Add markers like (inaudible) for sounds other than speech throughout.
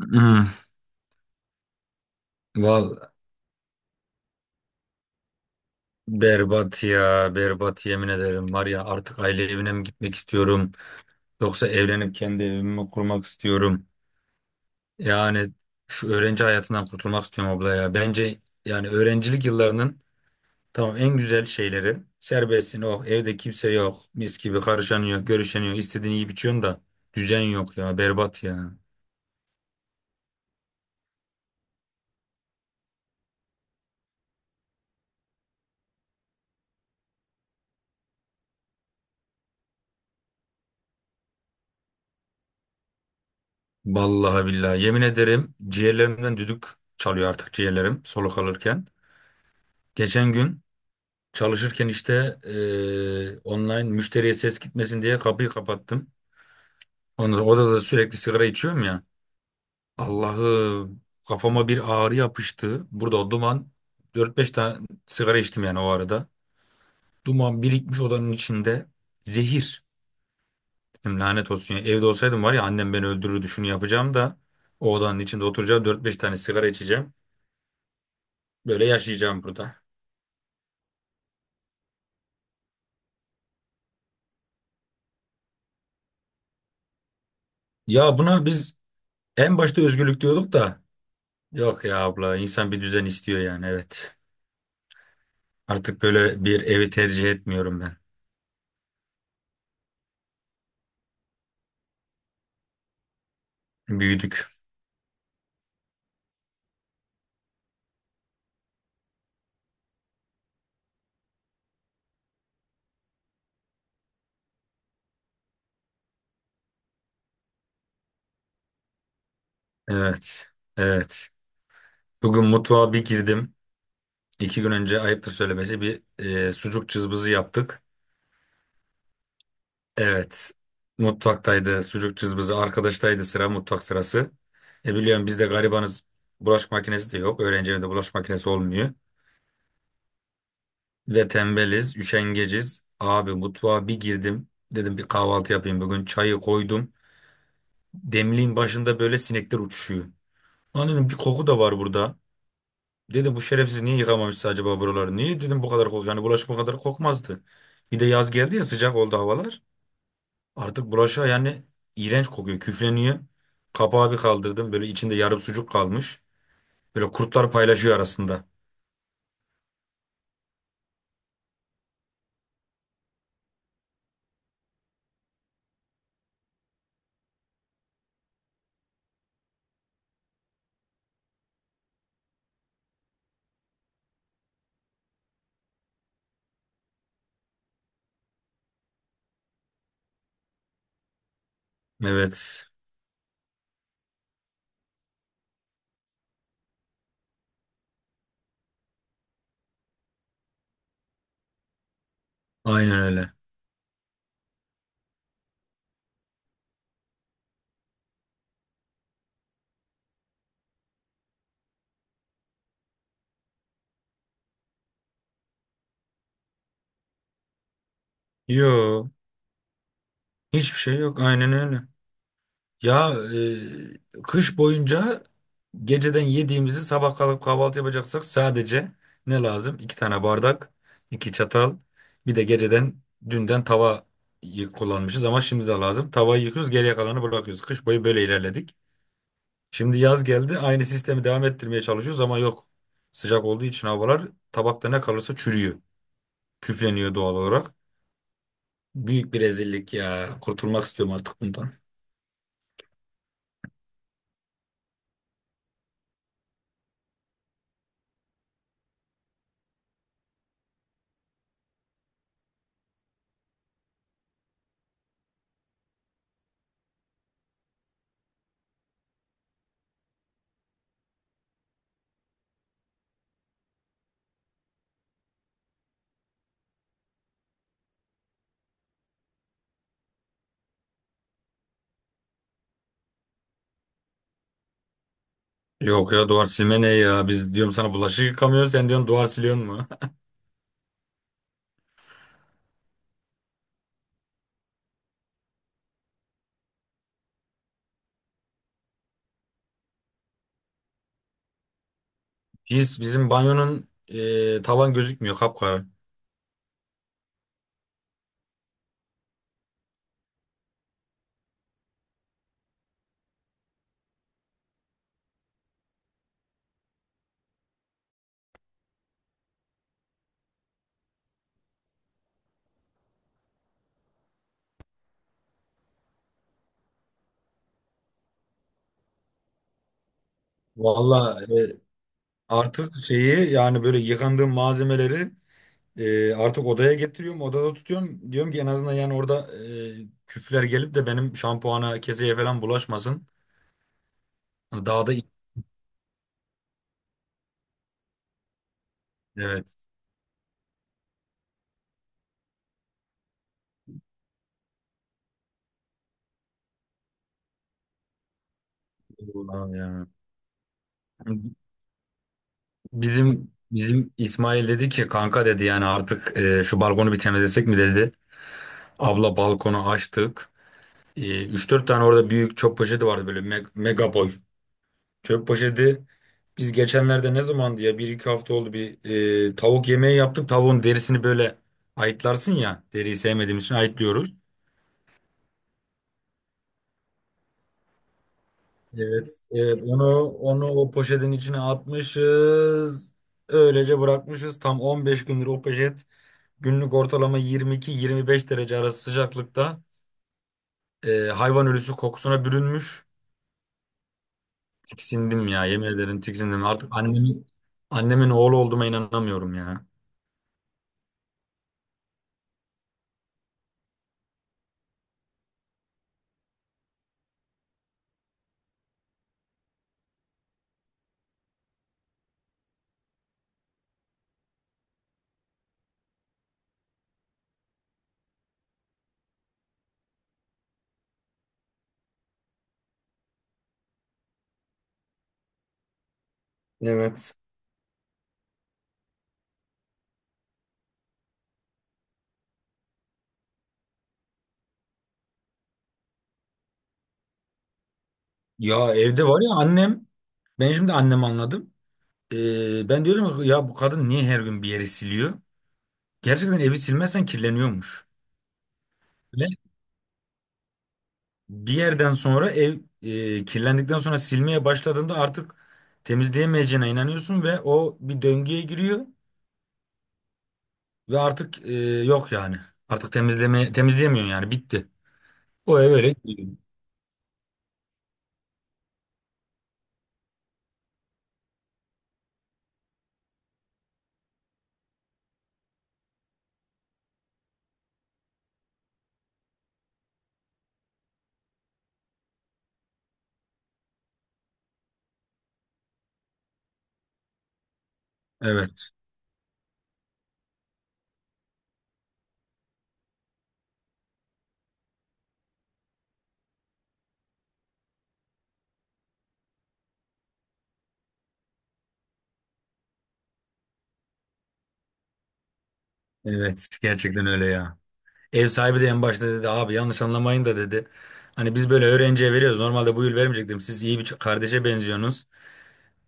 Hmm. Val berbat ya berbat, yemin ederim, var ya, artık aile evine mi gitmek istiyorum yoksa evlenip kendi evimi mi kurmak istiyorum, yani şu öğrenci hayatından kurtulmak istiyorum abla. Ya bence yani öğrencilik yıllarının, tamam, en güzel şeyleri serbestsin, oh evde kimse yok, mis gibi, karışanıyor görüşeniyor istediğini yiyip içiyorsun da düzen yok ya, berbat ya. Vallahi billahi yemin ederim ciğerlerimden düdük çalıyor artık, ciğerlerim soluk alırken geçen gün çalışırken işte online müşteriye ses gitmesin diye kapıyı kapattım. Ondan sonra odada sürekli sigara içiyorum ya. Allah'ım, kafama bir ağrı yapıştı. Burada o duman, 4-5 tane sigara içtim yani o arada. Duman birikmiş odanın içinde. Zehir. Dedim lanet olsun ya. Evde olsaydım var ya, annem beni öldürürdü şunu yapacağım da. O odanın içinde oturacağım, 4-5 tane sigara içeceğim. Böyle yaşayacağım burada. Ya buna biz en başta özgürlük diyorduk da. Yok ya abla, insan bir düzen istiyor yani, evet. Artık böyle bir evi tercih etmiyorum ben. Büyüdük. Evet. Evet. Bugün mutfağa bir girdim. İki gün önce, ayıptır söylemesi, bir sucuk cızbızı yaptık. Evet. Mutfaktaydı sucuk cızbızı. Arkadaştaydı sıra, mutfak sırası. E biliyorum biz de garibanız. Bulaşık makinesi de yok. Öğrenci evinde bulaşık makinesi olmuyor. Ve tembeliz, üşengeciz. Abi mutfağa bir girdim. Dedim bir kahvaltı yapayım bugün. Çayı koydum. Demliğin başında böyle sinekler uçuşuyor. Lan dedim, bir koku da var burada. Dedi, bu şerefsiz niye yıkamamışsa acaba buraları? Niye dedim bu kadar kok, yani bulaşık bu kadar kokmazdı. Bir de yaz geldi ya, sıcak oldu havalar. Artık bulaşığa yani iğrenç kokuyor, küfleniyor. Kapağı bir kaldırdım, böyle içinde yarım sucuk kalmış. Böyle kurtlar paylaşıyor arasında. Evet, aynen öyle. Yo, hiçbir şey yok, aynen öyle. Ya, kış boyunca geceden yediğimizi sabah kalkıp kahvaltı yapacaksak sadece ne lazım? İki tane bardak, iki çatal, bir de geceden dünden tava kullanmışız, ama şimdi de lazım. Tavayı yıkıyoruz, geriye kalanı bırakıyoruz. Kış boyu böyle ilerledik. Şimdi yaz geldi, aynı sistemi devam ettirmeye çalışıyoruz ama yok. Sıcak olduğu için havalar, tabakta ne kalırsa çürüyor. Küfleniyor doğal olarak. Büyük bir rezillik ya. Kurtulmak istiyorum artık bundan. Yok ya, duvar silme ne ya? Biz diyorum sana bulaşık yıkamıyoruz, sen diyorsun duvar siliyorsun mu? (laughs) Pis, bizim banyonun tavan gözükmüyor, kapkara. Valla, artık şeyi yani, böyle yıkandığım malzemeleri artık odaya getiriyorum, odada tutuyorum. Diyorum ki en azından yani orada küfler gelip de benim şampuana, keseye falan bulaşmasın. Hani daha da evet. Ulan ya. Bizim İsmail dedi ki, kanka dedi yani artık şu balkonu bir temizlesek mi dedi. Abla balkonu açtık. Ee, 3-4 tane orada büyük çöp poşeti vardı böyle mega boy. Çöp poşeti biz geçenlerde, ne zamandı ya, bir iki hafta oldu, bir tavuk yemeği yaptık. Tavuğun derisini böyle ayıtlarsın ya, deriyi sevmediğimiz için ayıtlıyoruz. Evet, evet, onu o poşetin içine atmışız. Öylece bırakmışız. Tam 15 gündür o poşet, günlük ortalama 22-25 derece arası sıcaklıkta, hayvan ölüsü kokusuna bürünmüş. Tiksindim ya, yemin ederim tiksindim. Artık annemin oğlu olduğuma inanamıyorum ya. Evet. Ya evde var ya, annem, ben şimdi annemi anladım. Ben diyorum ki, ya bu kadın niye her gün bir yeri siliyor? Gerçekten evi silmezsen kirleniyormuş. Ve bir yerden sonra ev, kirlendikten sonra silmeye başladığında artık temizleyemeyeceğine inanıyorsun ve o bir döngüye giriyor ve artık yok yani. Artık temizleyemiyorsun yani, bitti. O ev öyle gidiyor. Evet. Evet, gerçekten öyle ya. Ev sahibi de en başta dedi, abi yanlış anlamayın da dedi. Hani biz böyle öğrenciye veriyoruz. Normalde bu yıl vermeyecektim. Siz iyi bir kardeşe benziyorsunuz.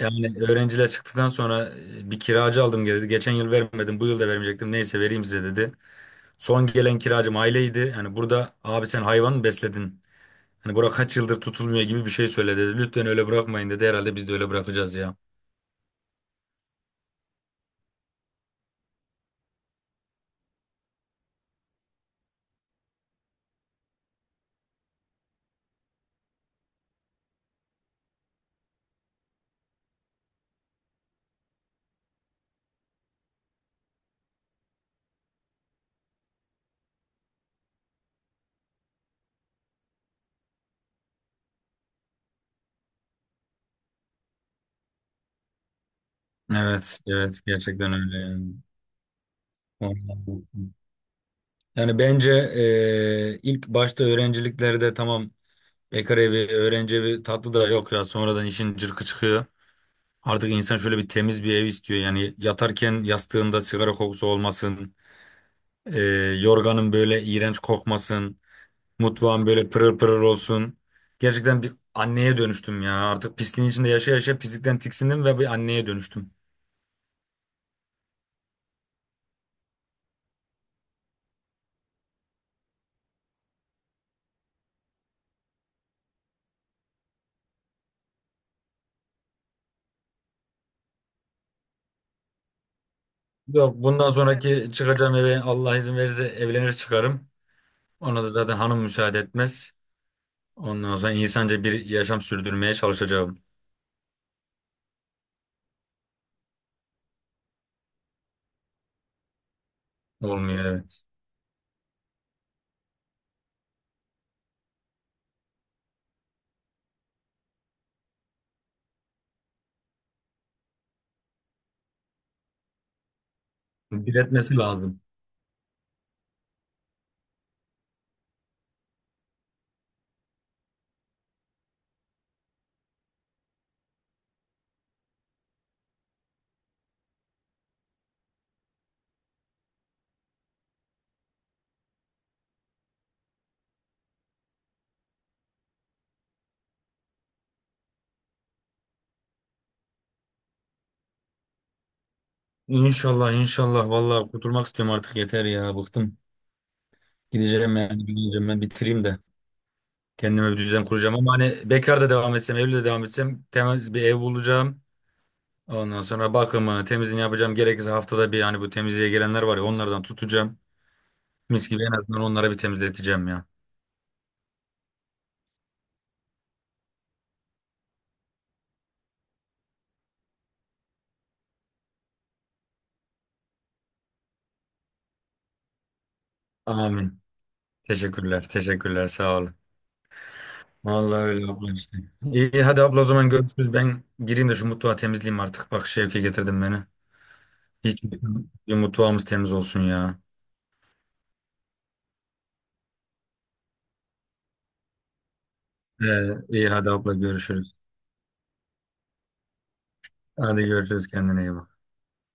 Yani öğrenciler çıktıktan sonra bir kiracı aldım dedi. Geçen yıl vermedim, bu yıl da vermeyecektim. Neyse vereyim size dedi. Son gelen kiracım aileydi. Hani burada abi sen hayvan mı besledin? Hani bura kaç yıldır tutulmuyor gibi bir şey söyledi dedi. Lütfen öyle bırakmayın dedi. Herhalde biz de öyle bırakacağız ya. Evet, evet, gerçekten öyle yani. (laughs) Yani bence, ilk başta öğrenciliklerde tamam, bekar evi, öğrenci evi tatlı da, yok ya, sonradan işin cırkı çıkıyor. Artık insan şöyle bir temiz bir ev istiyor. Yani yatarken yastığında sigara kokusu olmasın, eee, yorganın böyle iğrenç kokmasın, mutfağın böyle pırır pırır olsun. Gerçekten bir anneye dönüştüm ya. Artık pisliğin içinde yaşa yaşa pislikten tiksindim ve bir anneye dönüştüm. Yok, bundan sonraki çıkacağım eve Allah izin verirse evlenir çıkarım. Ona da zaten hanım müsaade etmez. Ondan sonra insanca bir yaşam sürdürmeye çalışacağım. Olmuyor, evet. Bir lazım. İnşallah, inşallah. Vallahi kurtulmak istiyorum artık, yeter ya. Bıktım. Gideceğim yani. Gideceğim, ben bitireyim de. Kendime bir düzen kuracağım. Ama hani bekar da devam etsem, evli de devam etsem, temiz bir ev bulacağım. Ondan sonra bakımını, temizliğini yapacağım. Gerekirse haftada bir, hani bu temizliğe gelenler var ya, onlardan tutacağım. Mis gibi en azından onlara bir temizleteceğim ya. Amin. Teşekkürler. Teşekkürler. Sağ olun. Vallahi öyle abla işte. İyi hadi abla, o zaman görüşürüz. Ben gireyim de şu mutfağı temizleyeyim artık. Bak, Şevke getirdim beni. Hiç bir mutfağımız temiz olsun ya. Ee, iyi hadi abla, görüşürüz. Hadi görüşürüz, kendine iyi bak.